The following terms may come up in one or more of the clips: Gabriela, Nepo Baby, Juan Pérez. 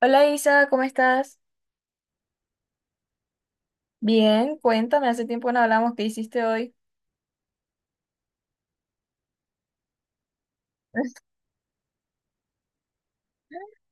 Hola Isa, ¿cómo estás? Bien, cuéntame, hace tiempo no hablamos, ¿qué hiciste hoy?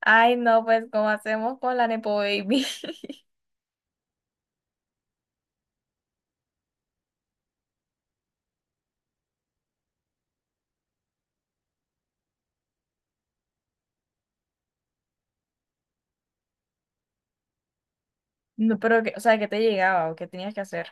Ay, no, pues, ¿cómo hacemos con la Nepo Baby? No, pero, o sea, ¿qué te llegaba o qué tenías que hacer?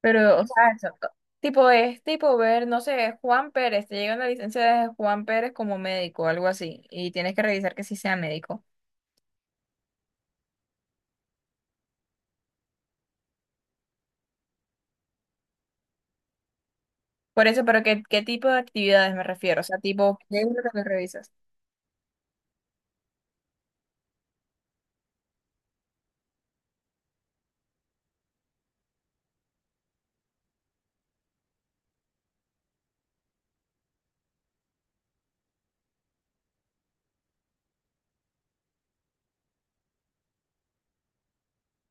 Pero, o sea, tipo, es tipo ver, no sé, Juan Pérez, te llega una licencia de Juan Pérez como médico algo así, y tienes que revisar que sí sea médico. Por eso, pero ¿ qué tipo de actividades me refiero? O sea, tipo, ¿qué es lo que me revisas?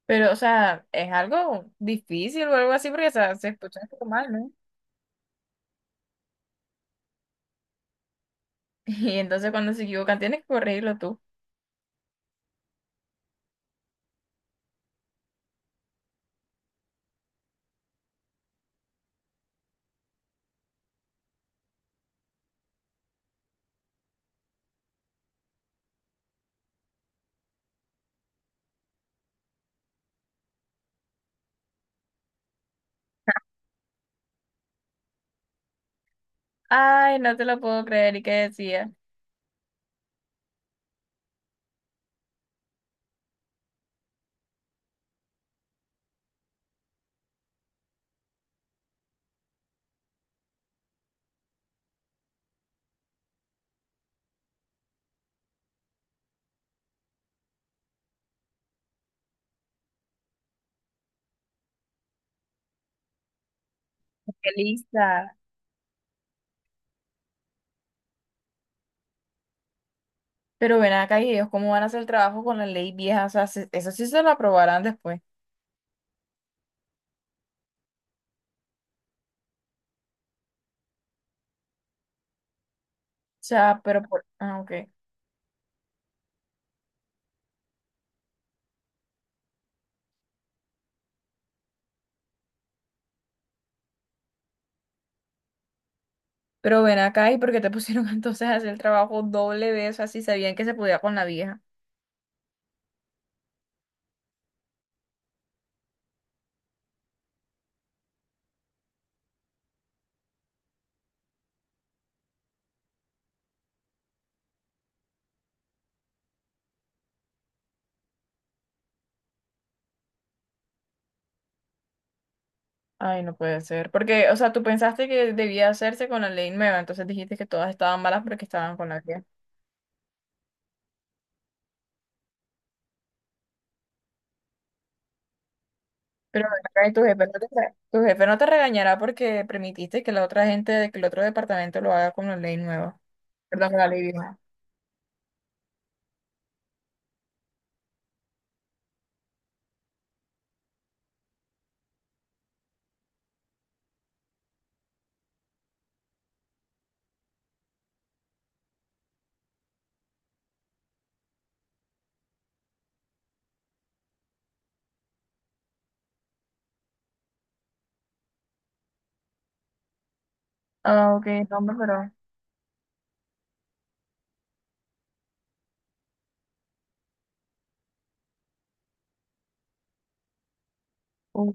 Pero, o sea, ¿es algo difícil o algo así? Porque, o sea, se escucha normal. Y entonces cuando se equivocan, tienes que corregirlo tú. Ay, no te lo puedo creer. ¿Y qué decía? Qué lista. Pero ven acá, ¿y ellos cómo van a hacer el trabajo con la ley vieja? O sea, eso sí se lo aprobarán después. O sea, pero por... Ah, ok. Pero ven acá, ¿y porque te pusieron entonces a hacer el trabajo doble vez, así sabían que se podía con la vieja? Ay, no puede ser. Porque, o sea, tú pensaste que debía hacerse con la ley nueva, entonces dijiste que todas estaban malas porque estaban con la vieja. Pero ven acá, ¿y tu jefe no te, tu jefe no te regañará porque permitiste que la otra gente, que el otro departamento lo haga con la ley nueva? Perdón, con la ley vieja. Ah, ok, no, hombre, pero... uh,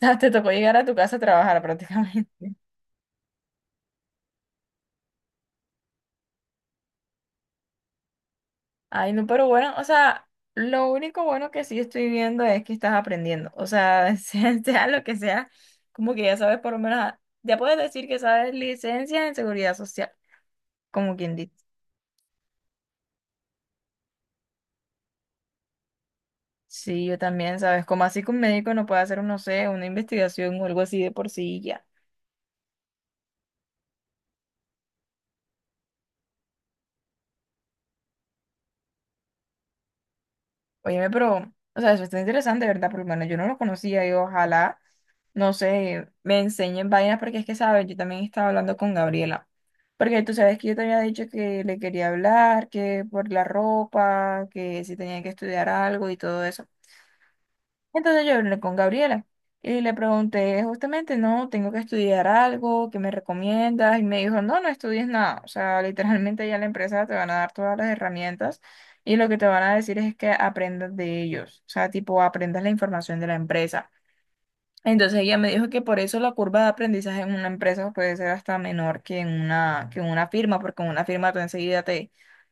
Te tocó llegar a tu casa a trabajar prácticamente. Ay, no, pero bueno, o sea, lo único bueno que sí estoy viendo es que estás aprendiendo. O sea, sea, sea lo que sea, como que ya sabes por lo menos, ya puedes decir que sabes licencia en seguridad social, como quien dice. Sí, yo también, ¿sabes? Como así que un médico no puede hacer, un, no sé, una investigación o algo así de por sí y ya. Óyeme, pero, o sea, eso está interesante, ¿verdad? Por lo menos yo no lo conocía y ojalá, no sé, me enseñen vainas, porque es que, ¿sabes? Yo también estaba hablando con Gabriela. Porque tú sabes que yo te había dicho que le quería hablar, que por la ropa, que si tenía que estudiar algo y todo eso. Entonces yo hablé con Gabriela y le pregunté justamente, no, ¿tengo que estudiar algo? ¿Qué me recomiendas? Y me dijo, no, no estudies nada. O sea, literalmente ya la empresa te van a dar todas las herramientas y lo que te van a decir es que aprendas de ellos. O sea, tipo, aprendas la información de la empresa. Entonces ella me dijo que por eso la curva de aprendizaje en una empresa puede ser hasta menor que en una firma, porque en una firma tú enseguida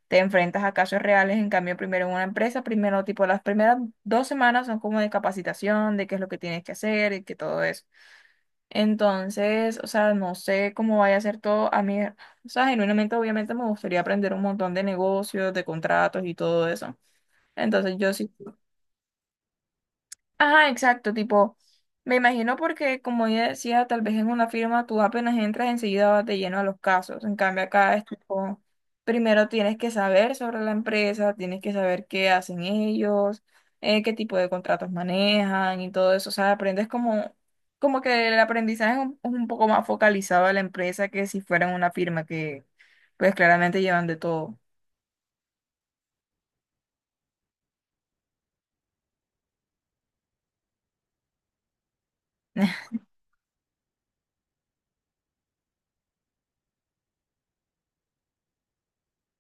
te enfrentas a casos reales, en cambio primero en una empresa, primero tipo las primeras dos semanas son como de capacitación, de qué es lo que tienes que hacer y que todo eso. Entonces, o sea, no sé cómo vaya a ser todo. A mí, o sea, genuinamente obviamente me gustaría aprender un montón de negocios, de contratos y todo eso. Entonces yo sí. Ajá, exacto, tipo, me imagino, porque como ya decía, tal vez en una firma tú apenas entras enseguida vas de lleno a los casos, en cambio acá es tipo, primero tienes que saber sobre la empresa, tienes que saber qué hacen ellos, qué tipo de contratos manejan y todo eso, o sea, aprendes como, como que el aprendizaje es un poco más focalizado a la empresa que si fuera en una firma que pues claramente llevan de todo.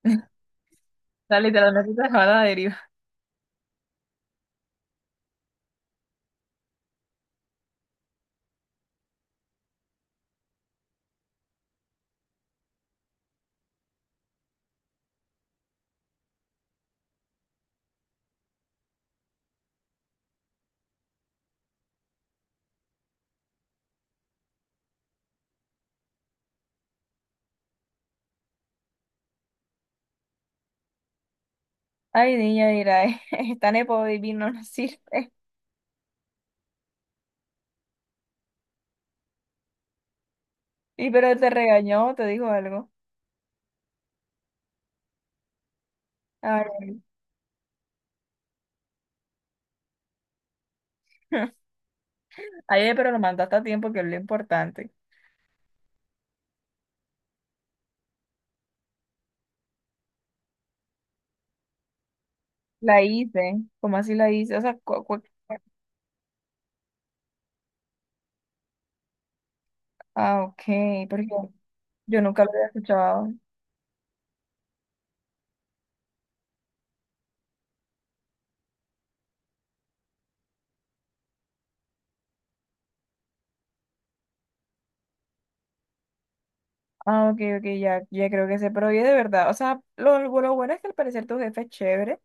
O sea, literalmente se va a la deriva. Ay, niña, dirá, esta nepo baby no nos sirve. ¿Y pero te regañó, te dijo algo? Ay, ayer, pero lo mandaste a tiempo, que es lo importante. La hice. ¿Cómo así la hice? O sea, ah, ok, porque yo nunca lo había escuchado. Ah, ok, ok, ya, ya creo que sé, pero oye, de verdad, o sea, lo bueno es que al parecer tu jefe es chévere,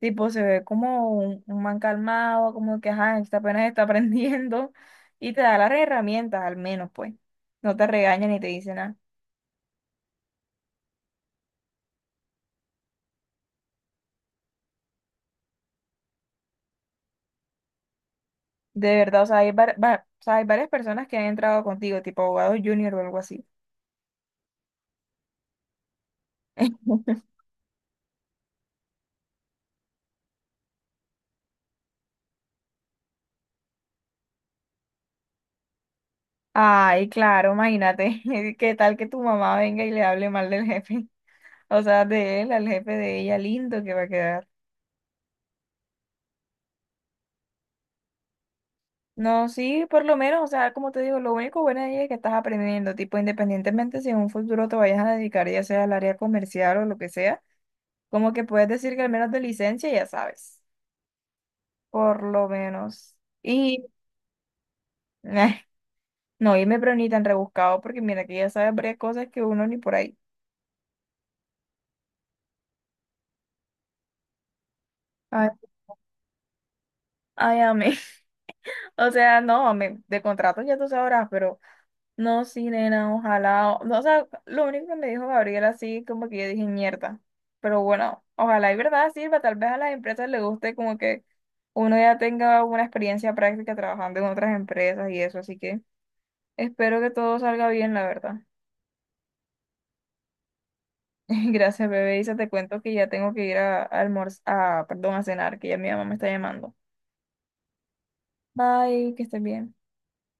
tipo, se ve como un man calmado, como que, ajá, está aprendiendo, y te da las herramientas, al menos, pues, no te regaña ni te dice nada. De verdad, o sea, o sea, hay varias personas que han entrado contigo, tipo abogado junior o algo así. Ay, claro, imagínate, qué tal que tu mamá venga y le hable mal del jefe, o sea, de él al jefe de ella, lindo que va a quedar. No, sí, por lo menos, o sea, como te digo, lo único bueno de ella es que estás aprendiendo, tipo, independientemente si en un futuro te vayas a dedicar ya sea al área comercial o lo que sea, como que puedes decir que al menos de licencia ya sabes, por lo menos. Y no irme, pero ni tan rebuscado, porque mira que ya sabes varias cosas que uno ni por ahí. Ay, ay, amé. O sea, no, amé, de contratos ya tú sabrás, pero no, sí, nena, ojalá. No, o sea, lo único que me dijo Gabriel así, como que yo dije, mierda. Pero bueno, ojalá y verdad sirva, tal vez a las empresas les guste como que uno ya tenga una experiencia práctica trabajando en otras empresas y eso, así que espero que todo salga bien, la verdad. Gracias, bebé. Isa, te cuento que ya tengo que ir a almorzar, a, perdón, a cenar, que ya mi mamá me está llamando. Bye, que estén bien.